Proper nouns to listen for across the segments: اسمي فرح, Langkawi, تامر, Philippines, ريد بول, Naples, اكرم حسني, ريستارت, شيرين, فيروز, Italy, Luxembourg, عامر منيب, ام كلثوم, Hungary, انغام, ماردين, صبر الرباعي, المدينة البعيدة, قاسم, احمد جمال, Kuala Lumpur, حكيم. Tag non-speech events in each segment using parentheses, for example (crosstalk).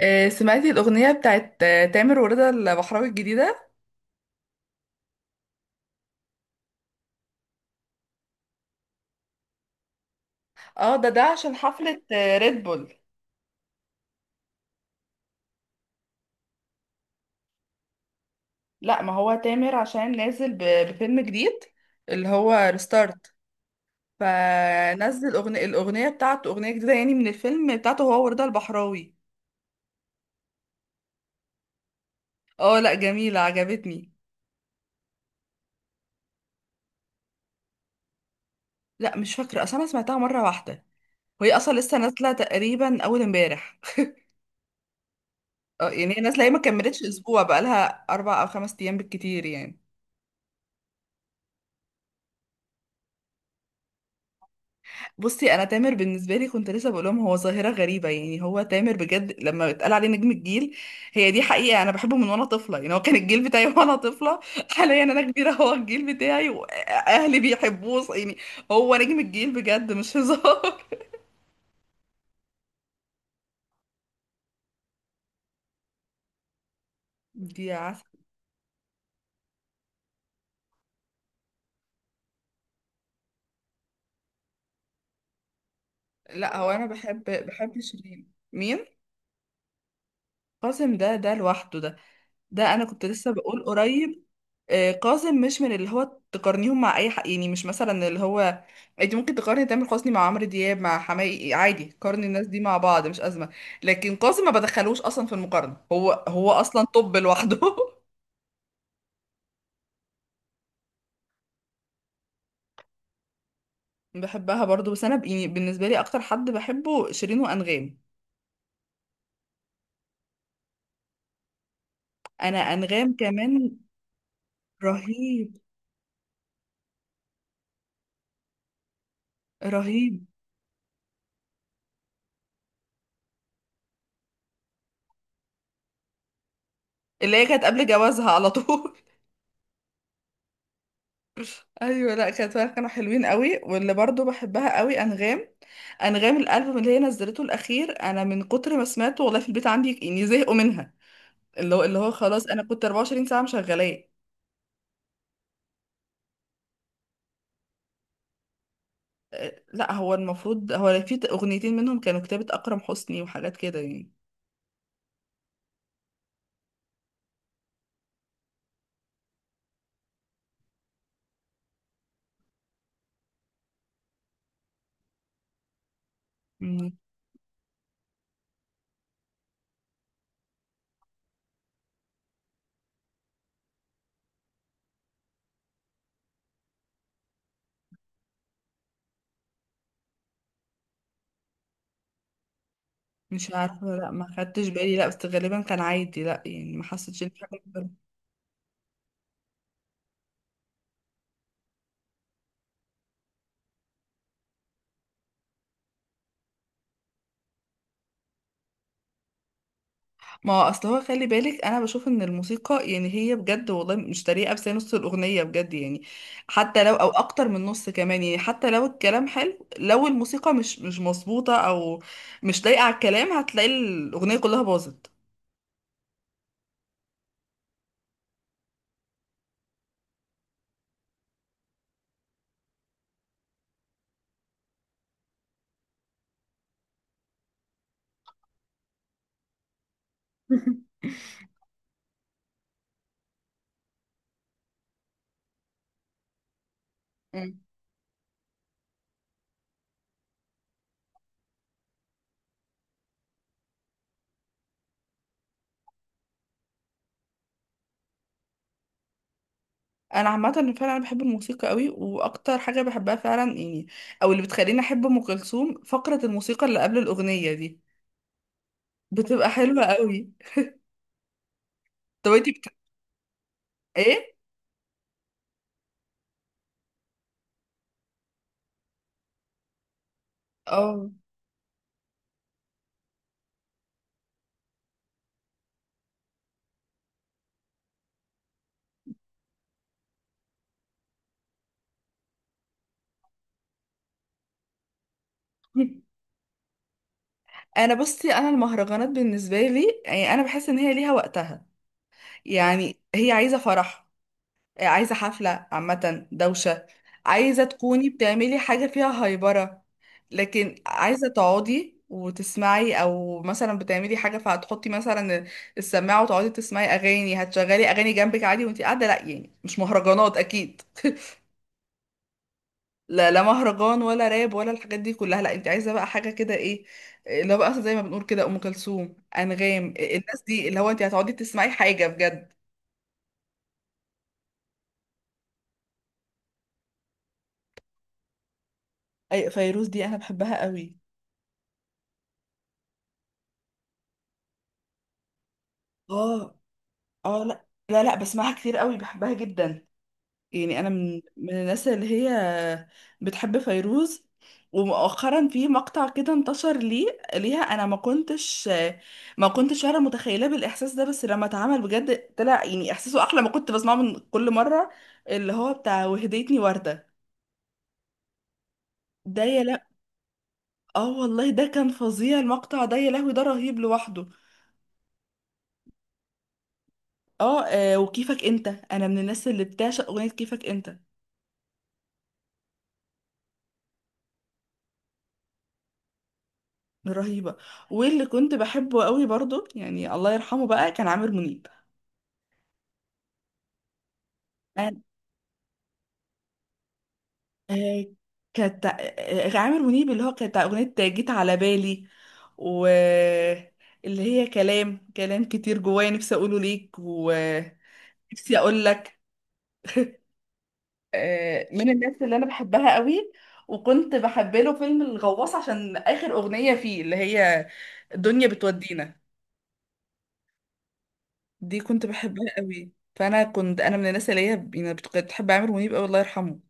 آه، سمعتي الأغنية بتاعت تامر ورضا البحراوي الجديدة. اه ده عشان حفلة آه، ريد بول. لا، ما هو تامر عشان بفيلم جديد اللي هو ريستارت. فنزل أغنية الأغنية بتاعته، أغنية جديدة يعني من الفيلم بتاعته هو ورضا البحراوي. اه لا، جميلة، عجبتني. لا مش فاكرة، أصل أنا سمعتها مرة واحدة، وهي أصلا لسه نازلة تقريبا أول امبارح. (laughs) اه يعني هي نازلة، هي ما كملتش أسبوع، بقالها أربع أو خمس أيام بالكتير يعني. بصي، انا تامر بالنسبه لي كنت لسه بقول لهم هو ظاهره غريبه، يعني هو تامر بجد لما اتقال عليه نجم الجيل هي دي حقيقه. انا بحبه من وانا طفله، يعني هو كان الجيل بتاعي وانا طفله. (laughs) حاليا انا كبيره هو الجيل بتاعي واهلي بيحبوه يعني. هو نجم الجيل بجد، مش هزار. (laughs) دي عسل. لا، هو انا بحب شيرين مين؟ قاسم ده لوحده ده. ده انا كنت لسه بقول قريب. آه، قاسم مش من اللي هو تقارنيهم مع اي حق، يعني مش مثلا اللي هو انت ممكن تقارني تامر حسني مع عمرو دياب مع حماقي، عادي قارني الناس دي مع بعض، مش ازمه. لكن قاسم ما بدخلوش اصلا في المقارنه، هو اصلا طب لوحده. (laughs) بحبها برضو، بس يعني بالنسبه لي اكتر حد بحبه شيرين وانغام. انا انغام كمان. رهيب. رهيب. اللي هي كانت قبل جوازها على طول. ايوه، لا كانت فعلاً كانوا حلوين قوي، واللي برضو بحبها قوي انغام. انغام الالبوم اللي هي نزلته الاخير، انا من كتر ما سمعته والله في البيت عندي يعني زهقوا منها. اللي هو خلاص انا كنت 24 ساعه مشغلاه. أه، لا هو المفروض هو في اغنيتين منهم كانوا كتابة اكرم حسني وحاجات كده يعني. مم، مش عارفه لا، ما خدتش بالي، لا بس غالبا كان عادي، لا يعني ما حسيتش إن في حاجه. ما هو اصل هو خلي بالك، انا بشوف ان الموسيقى يعني هي بجد والله مش طريقه، بس هي نص الاغنيه بجد يعني. حتى لو او اكتر من نص كمان، يعني حتى لو الكلام حلو، لو الموسيقى مش مظبوطه او مش لايقه على الكلام هتلاقي الاغنيه كلها باظت. (laughs) مم. انا عامه فعلا انا بحب الموسيقى قوي، واكتر حاجه بحبها فعلا يعني او اللي بتخليني احب ام كلثوم فقره الموسيقى اللي قبل الاغنيه دي، بتبقى حلوه قوي. طب انتي بت... ايه؟ اه. (laughs) انا بصي، انا المهرجانات بالنسبه لي يعني انا بحس ان هي ليها وقتها. يعني هي عايزه فرح، عايزه حفله، عامه دوشه، عايزه تكوني بتعملي حاجه فيها هايبره. لكن عايزه تقعدي وتسمعي، او مثلا بتعملي حاجه فهتحطي مثلا السماعه وتقعدي تسمعي اغاني، هتشغلي اغاني جنبك عادي وانتي قاعده، لا يعني مش مهرجانات اكيد. لا، لا مهرجان ولا راب ولا الحاجات دي كلها، لا انت عايزه بقى حاجه كده ايه، لا بقى زي ما بنقول كده ام كلثوم، انغام، آه، الناس دي اللي هو انت هتقعدي تسمعي حاجه بجد. اي فيروز دي انا بحبها قوي. اه. اه لا، لا بسمعها كتير قوي، بحبها جدا. يعني انا من الناس اللي هي بتحب فيروز. ومؤخرا في مقطع كده انتشر ليها، انا ما كنتش فعلا متخيله بالاحساس ده، بس لما اتعمل بجد طلع يعني احساسه احلى ما كنت بسمعه من كل مره. اللي هو بتاع وهديتني ورده، ده يا لا. اه والله ده كان فظيع المقطع ده، يا لهوي ده رهيب لوحده. اه آه، وكيفك انت، انا من الناس اللي بتعشق اغنيه كيفك انت. رهيبه. واللي كنت بحبه قوي برضو، يعني الله يرحمه بقى، كان عامر منيب. أنا- آه، كانت آه، آه، عامر منيب اللي هو كانت أغنية جيت على بالي. و اللي هي كلام كتير جوايا، نفسي أقوله ليك ونفسي أقول لك. آه، من الناس اللي أنا بحبها قوي. وكنت بحب له فيلم الغواص عشان آخر أغنية فيه اللي هي الدنيا بتودينا، دي كنت بحبها قوي. فأنا كنت أنا من الناس اللي هي كنت بتحب عامر منيب قوي، الله يرحمه.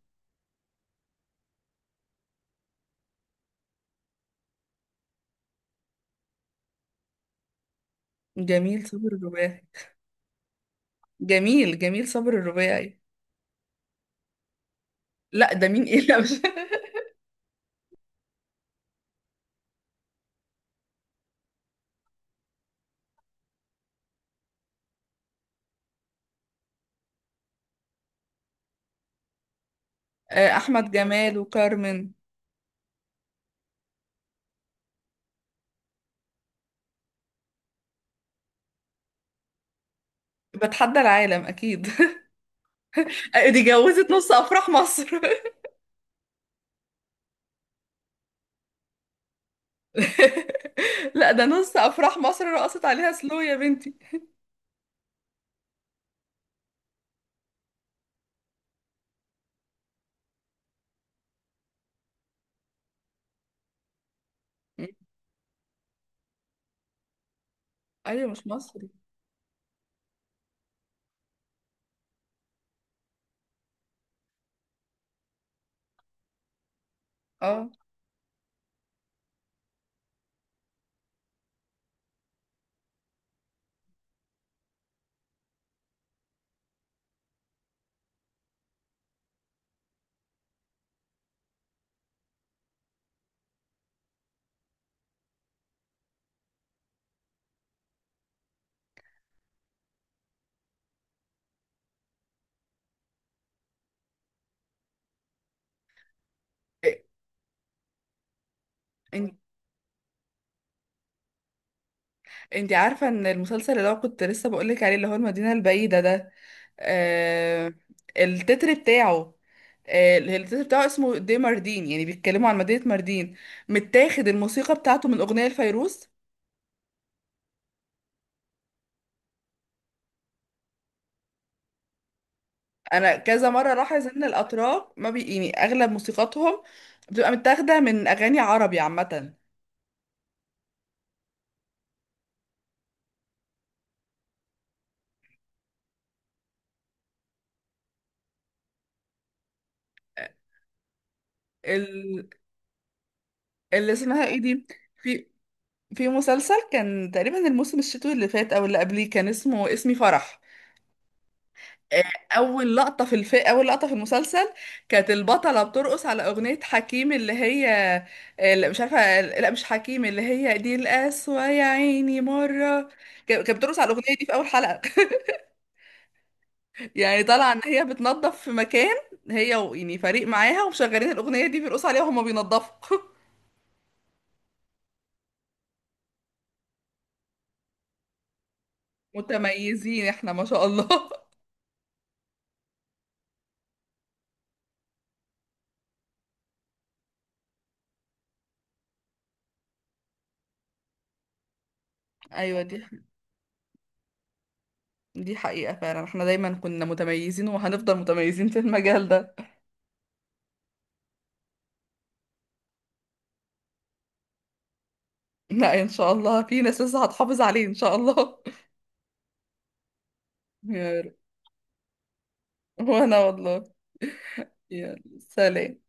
جميل صبر الرباعي. جميل صبر الرباعي. لا ده مين؟ (laughs) ايه لا مش. (laughs) آه، احمد جمال وكارمن. بتحدى العالم، اكيد. (laughs) دي جوزت نص افراح مصر. (laughs) لا ده نص افراح مصر، رقصت عليها سلو يا بنتي. م. ايوه مش مصري. اه انت، انت عارفه ان المسلسل اللي هو كنت لسه بقول لك عليه اللي هو المدينه البعيده ده، آه التتر بتاعه، آه التتر بتاعه اسمه دي ماردين، يعني بيتكلموا عن مدينه ماردين، متاخد الموسيقى بتاعته من اغنيه لفيروز. انا كذا مره لاحظ ان الاتراك ما بي يعني اغلب موسيقاتهم بتبقى متاخده من اغاني عربي عامه. ال... اللي اسمها ايه دي؟ في في مسلسل كان تقريبا الموسم الشتوي اللي فات او اللي قبليه كان اسمه اسمي فرح. آه، اول لقطه في المسلسل كانت البطله بترقص على اغنيه حكيم اللي هي آه، لا مش عارفه، لا مش حكيم، اللي هي دي القسوه يا عيني مره. كانت بترقص على الاغنيه دي في اول حلقه، يعني طالعه ان هي بتنظف في مكان، هي يعني فريق معاها ومشغلين الاغنيه دي بيرقصوا عليها وهما بينظفوا. (laughs) متميزين احنا ما شاء الله. (laughs) ايوه دي، دي حقيقه فعلا احنا دايما كنا متميزين وهنفضل متميزين في المجال ده. (laughs) لا ان شاء الله في ناس لسه هتحافظ عليه ان شاء الله. (laughs) يا رب. وانا والله. يا سلام.